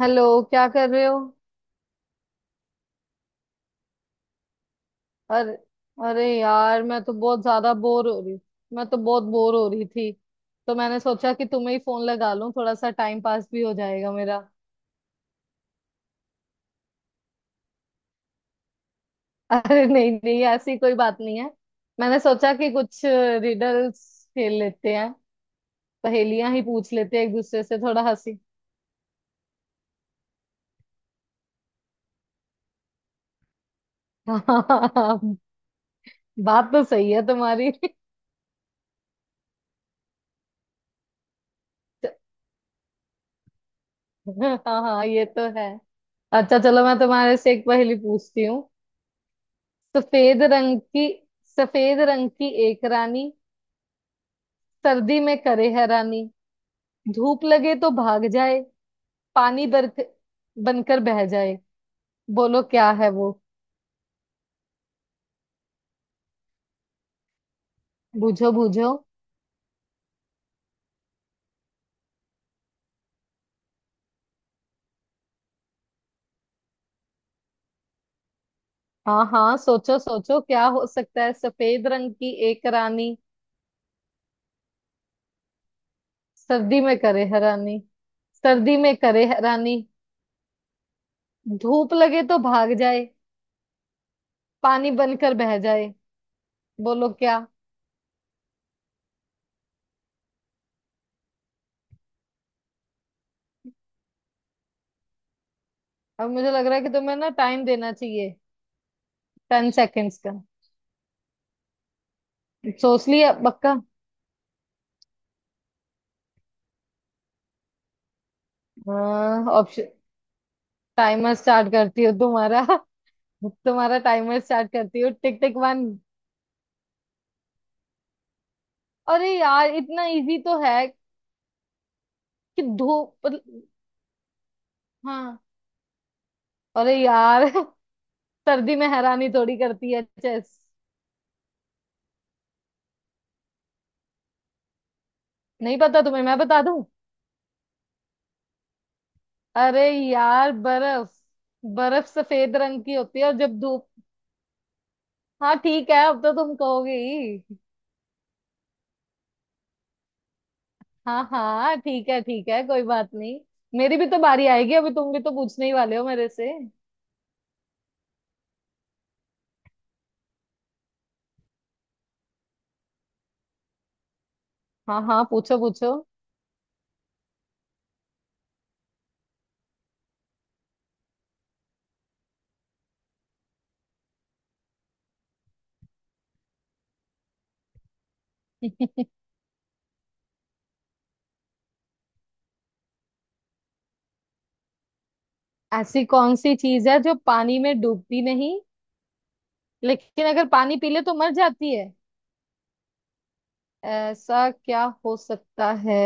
Hello. क्या कर रहे हो? अरे, अरे यार, मैं तो बहुत ज्यादा बोर हो रही। मैं तो बहुत बोर हो रही थी, तो मैंने सोचा कि तुम्हें ही फोन लगा लूं, थोड़ा सा टाइम पास भी हो जाएगा मेरा। अरे नहीं नहीं, ऐसी कोई बात नहीं है। मैंने सोचा कि कुछ रिडल्स खेल लेते हैं, पहेलियां ही पूछ लेते हैं एक दूसरे से, थोड़ा हंसी। हाँ, बात तो सही है तुम्हारी। हाँ हाँ, ये तो है। अच्छा चलो, मैं तुम्हारे से एक पहेली पूछती हूँ। सफेद रंग की, सफेद रंग की एक रानी, सर्दी में करे हैरानी, धूप लगे तो भाग जाए, पानी बरक बनकर बह जाए। बोलो क्या है वो? बूझो बूझो। हाँ हाँ, सोचो सोचो, क्या हो सकता है? सफेद रंग की एक रानी, सर्दी में करे हैरानी, सर्दी में करे हैरानी, धूप लगे तो भाग जाए, पानी बनकर बह जाए। बोलो क्या? अब मुझे लग रहा है कि तुम्हें ना टाइम देना चाहिए। 10 सेकेंड्स का। सोच लिया पक्का? हाँ, ऑप्शन। टाइमर स्टार्ट करती हो तुम्हारा। तुम्हारा टाइमर स्टार्ट करती हो, टिक टिक वन। अरे यार, इतना इजी तो है कि धूप मतलब- हाँ। अरे यार सर्दी में हैरानी थोड़ी करती है चेस। नहीं पता तुम्हें? मैं बता दूं? अरे यार, बर्फ। बर्फ सफेद रंग की होती है, और जब धूप। हाँ ठीक है, अब तो तुम कहोगे ही। हाँ हाँ ठीक है, ठीक है, कोई बात नहीं। मेरी भी तो बारी आएगी अभी, तुम भी तो पूछने ही वाले हो मेरे से। हाँ हाँ, पूछो पूछो। ऐसी कौन सी चीज है जो पानी में डूबती नहीं, लेकिन अगर पानी पी ले तो मर जाती है? ऐसा क्या हो सकता है?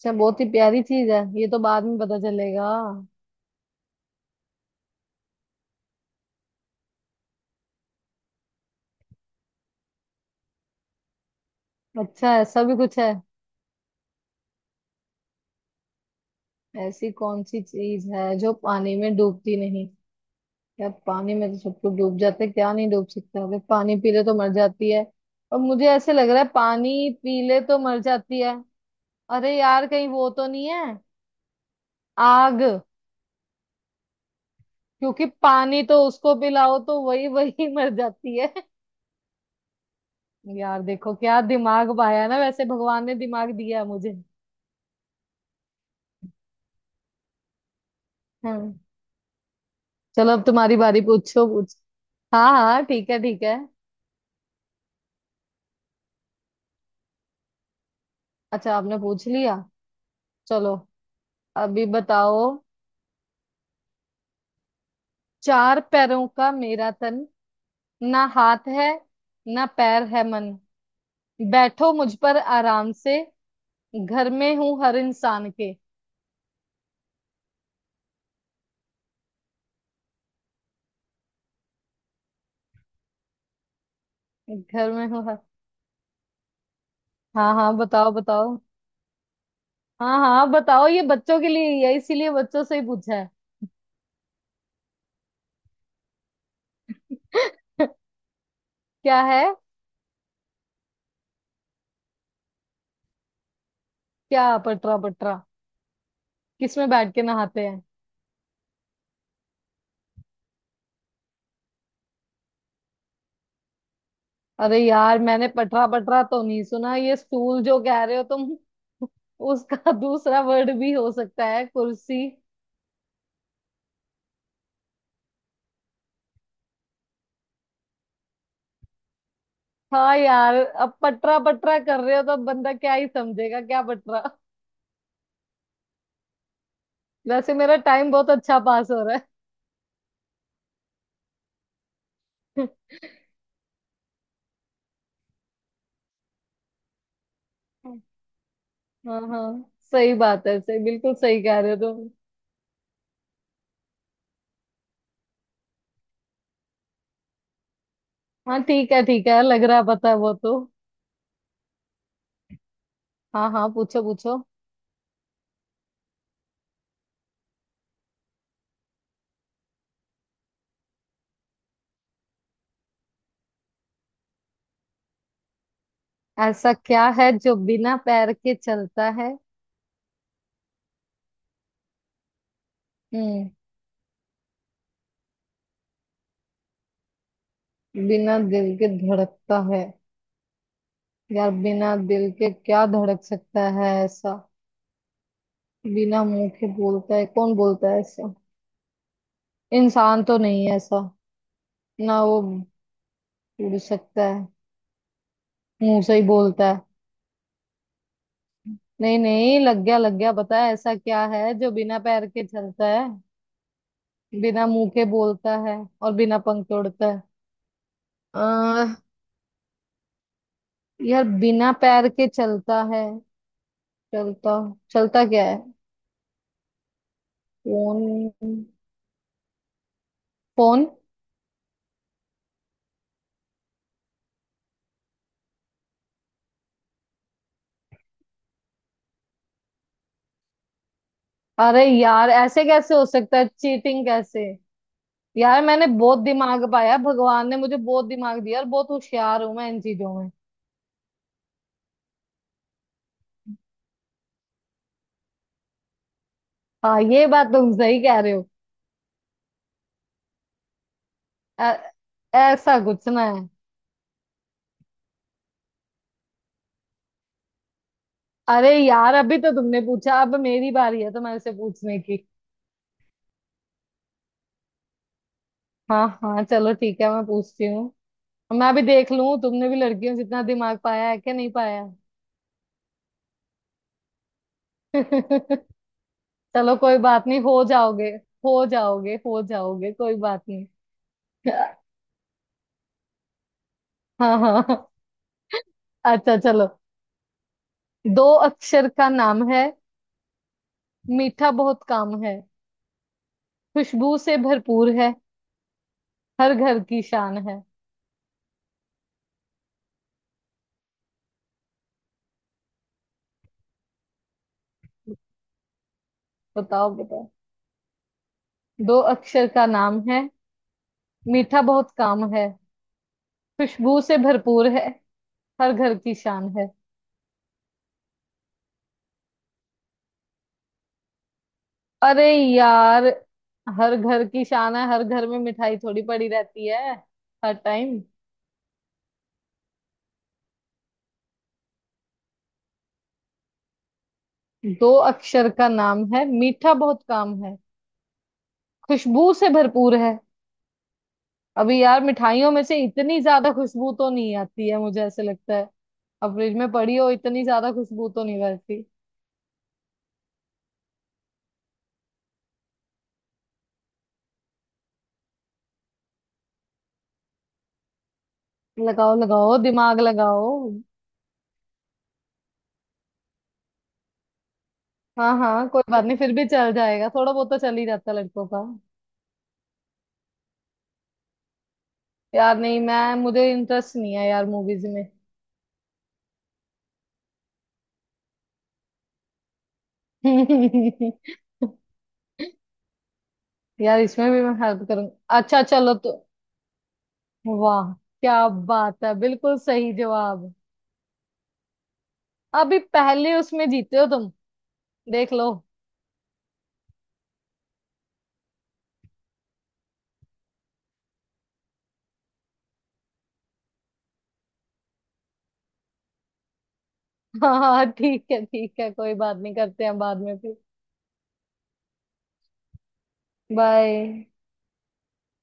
अच्छा बहुत ही प्यारी चीज है, ये तो बाद में पता चलेगा। अच्छा, ऐसा भी कुछ है? ऐसी कौन सी चीज है जो पानी में डूबती नहीं? यार पानी में तो सबको डूब जाते, क्या नहीं डूब सकता? अगर पानी पी ले तो मर जाती है, और मुझे ऐसे लग रहा है पानी पी ले तो मर जाती है। अरे यार, कहीं वो तो नहीं है, आग? क्योंकि पानी तो उसको पिलाओ तो वही वही मर जाती है। यार देखो, क्या दिमाग पाया ना वैसे, भगवान ने दिमाग दिया है मुझे। हाँ। चलो अब तुम्हारी बारी, पूछो पूछ। हाँ हाँ ठीक है, ठीक है। अच्छा, आपने पूछ लिया। चलो, अभी बताओ। चार पैरों का मेरा तन, ना हाथ है, ना पैर है मन, बैठो मुझ पर आराम से, घर में हूँ हर इंसान के। घर में हूँ हर... हाँ हाँ, बताओ बताओ। हाँ हाँ, बताओ, ये बच्चों के लिए ही है, इसीलिए बच्चों से ही पूछा है। क्या है? क्या पटरा पटरा? किसमें बैठ के नहाते हैं? अरे यार, मैंने पटरा पटरा तो नहीं सुना। ये स्टूल जो कह रहे हो तुम, उसका दूसरा वर्ड भी हो सकता है कुर्सी। हाँ यार, अब पटरा पटरा कर रहे हो, तो अब बंदा क्या ही समझेगा क्या पटरा? वैसे मेरा टाइम बहुत अच्छा पास हो रहा है। हाँ हाँ, सही बात है, सही, बिल्कुल सही कह रहे हो तुम। हाँ ठीक है, ठीक है, लग रहा है, पता है वो तो। हाँ हाँ, पूछो पूछो। ऐसा क्या है जो बिना पैर के चलता है? हम्म। बिना दिल के धड़कता है? यार बिना दिल के क्या धड़क सकता है ऐसा? बिना मुंह के बोलता है, कौन बोलता है ऐसा? इंसान तो नहीं है ऐसा। ना वो बोल सकता है, मुंह से ही बोलता है। नहीं नहीं, लग गया, लग गया, बता। ऐसा क्या है जो बिना पैर के चलता है, बिना मुंह के बोलता है, और बिना पंख के उड़ता है? अ, यार बिना पैर के चलता है, चलता चलता क्या है? फोन। फोन। अरे यार, ऐसे कैसे हो सकता है? चीटिंग कैसे? यार मैंने बहुत दिमाग पाया, भगवान ने मुझे बहुत दिमाग दिया, और बहुत होशियार हूं मैं इन चीजों में। हाँ, ये बात तुम सही कह रहे हो। ऐ- ऐसा कुछ ना है। अरे यार, अभी तो तुमने पूछा, अब मेरी बारी है तुम्हारे से पूछने की। हाँ हाँ चलो, ठीक है, मैं पूछती हूँ। मैं अभी देख लूं, तुमने भी लड़कियों जितना दिमाग पाया है कि नहीं पाया। चलो, कोई बात नहीं, हो जाओगे। हो जाओगे, हो जाओगे, कोई बात नहीं। हाँ हाँ हाँ। अच्छा चलो, दो अक्षर का नाम है, मीठा बहुत काम है, खुशबू से भरपूर है, हर घर की शान है। बताओ बताओ। दो अक्षर का नाम है, मीठा बहुत काम है, खुशबू से भरपूर है, हर घर की शान है। अरे यार, हर घर की शान है, हर घर में मिठाई थोड़ी पड़ी रहती है हर टाइम। दो अक्षर का नाम है, मीठा बहुत काम है, खुशबू से भरपूर है। अभी यार मिठाइयों में से इतनी ज्यादा खुशबू तो नहीं आती है, मुझे ऐसे लगता है। अब फ्रिज में पड़ी हो, इतनी ज्यादा खुशबू तो नहीं रहती। लगाओ लगाओ, दिमाग लगाओ। हाँ हाँ, कोई बात नहीं, फिर भी चल जाएगा, थोड़ा बहुत तो चल ही जाता है लड़कों का। यार नहीं, मैं मुझे इंटरेस्ट नहीं है यार मूवीज में। यार इसमें भी मैं हेल्प करूंगा। अच्छा चलो तो, वाह क्या बात है, बिल्कुल सही जवाब। अभी पहले उसमें जीते हो तुम, देख लो। हाँ हाँ ठीक है, ठीक है, कोई बात नहीं, करते हैं बाद में फिर। बाय।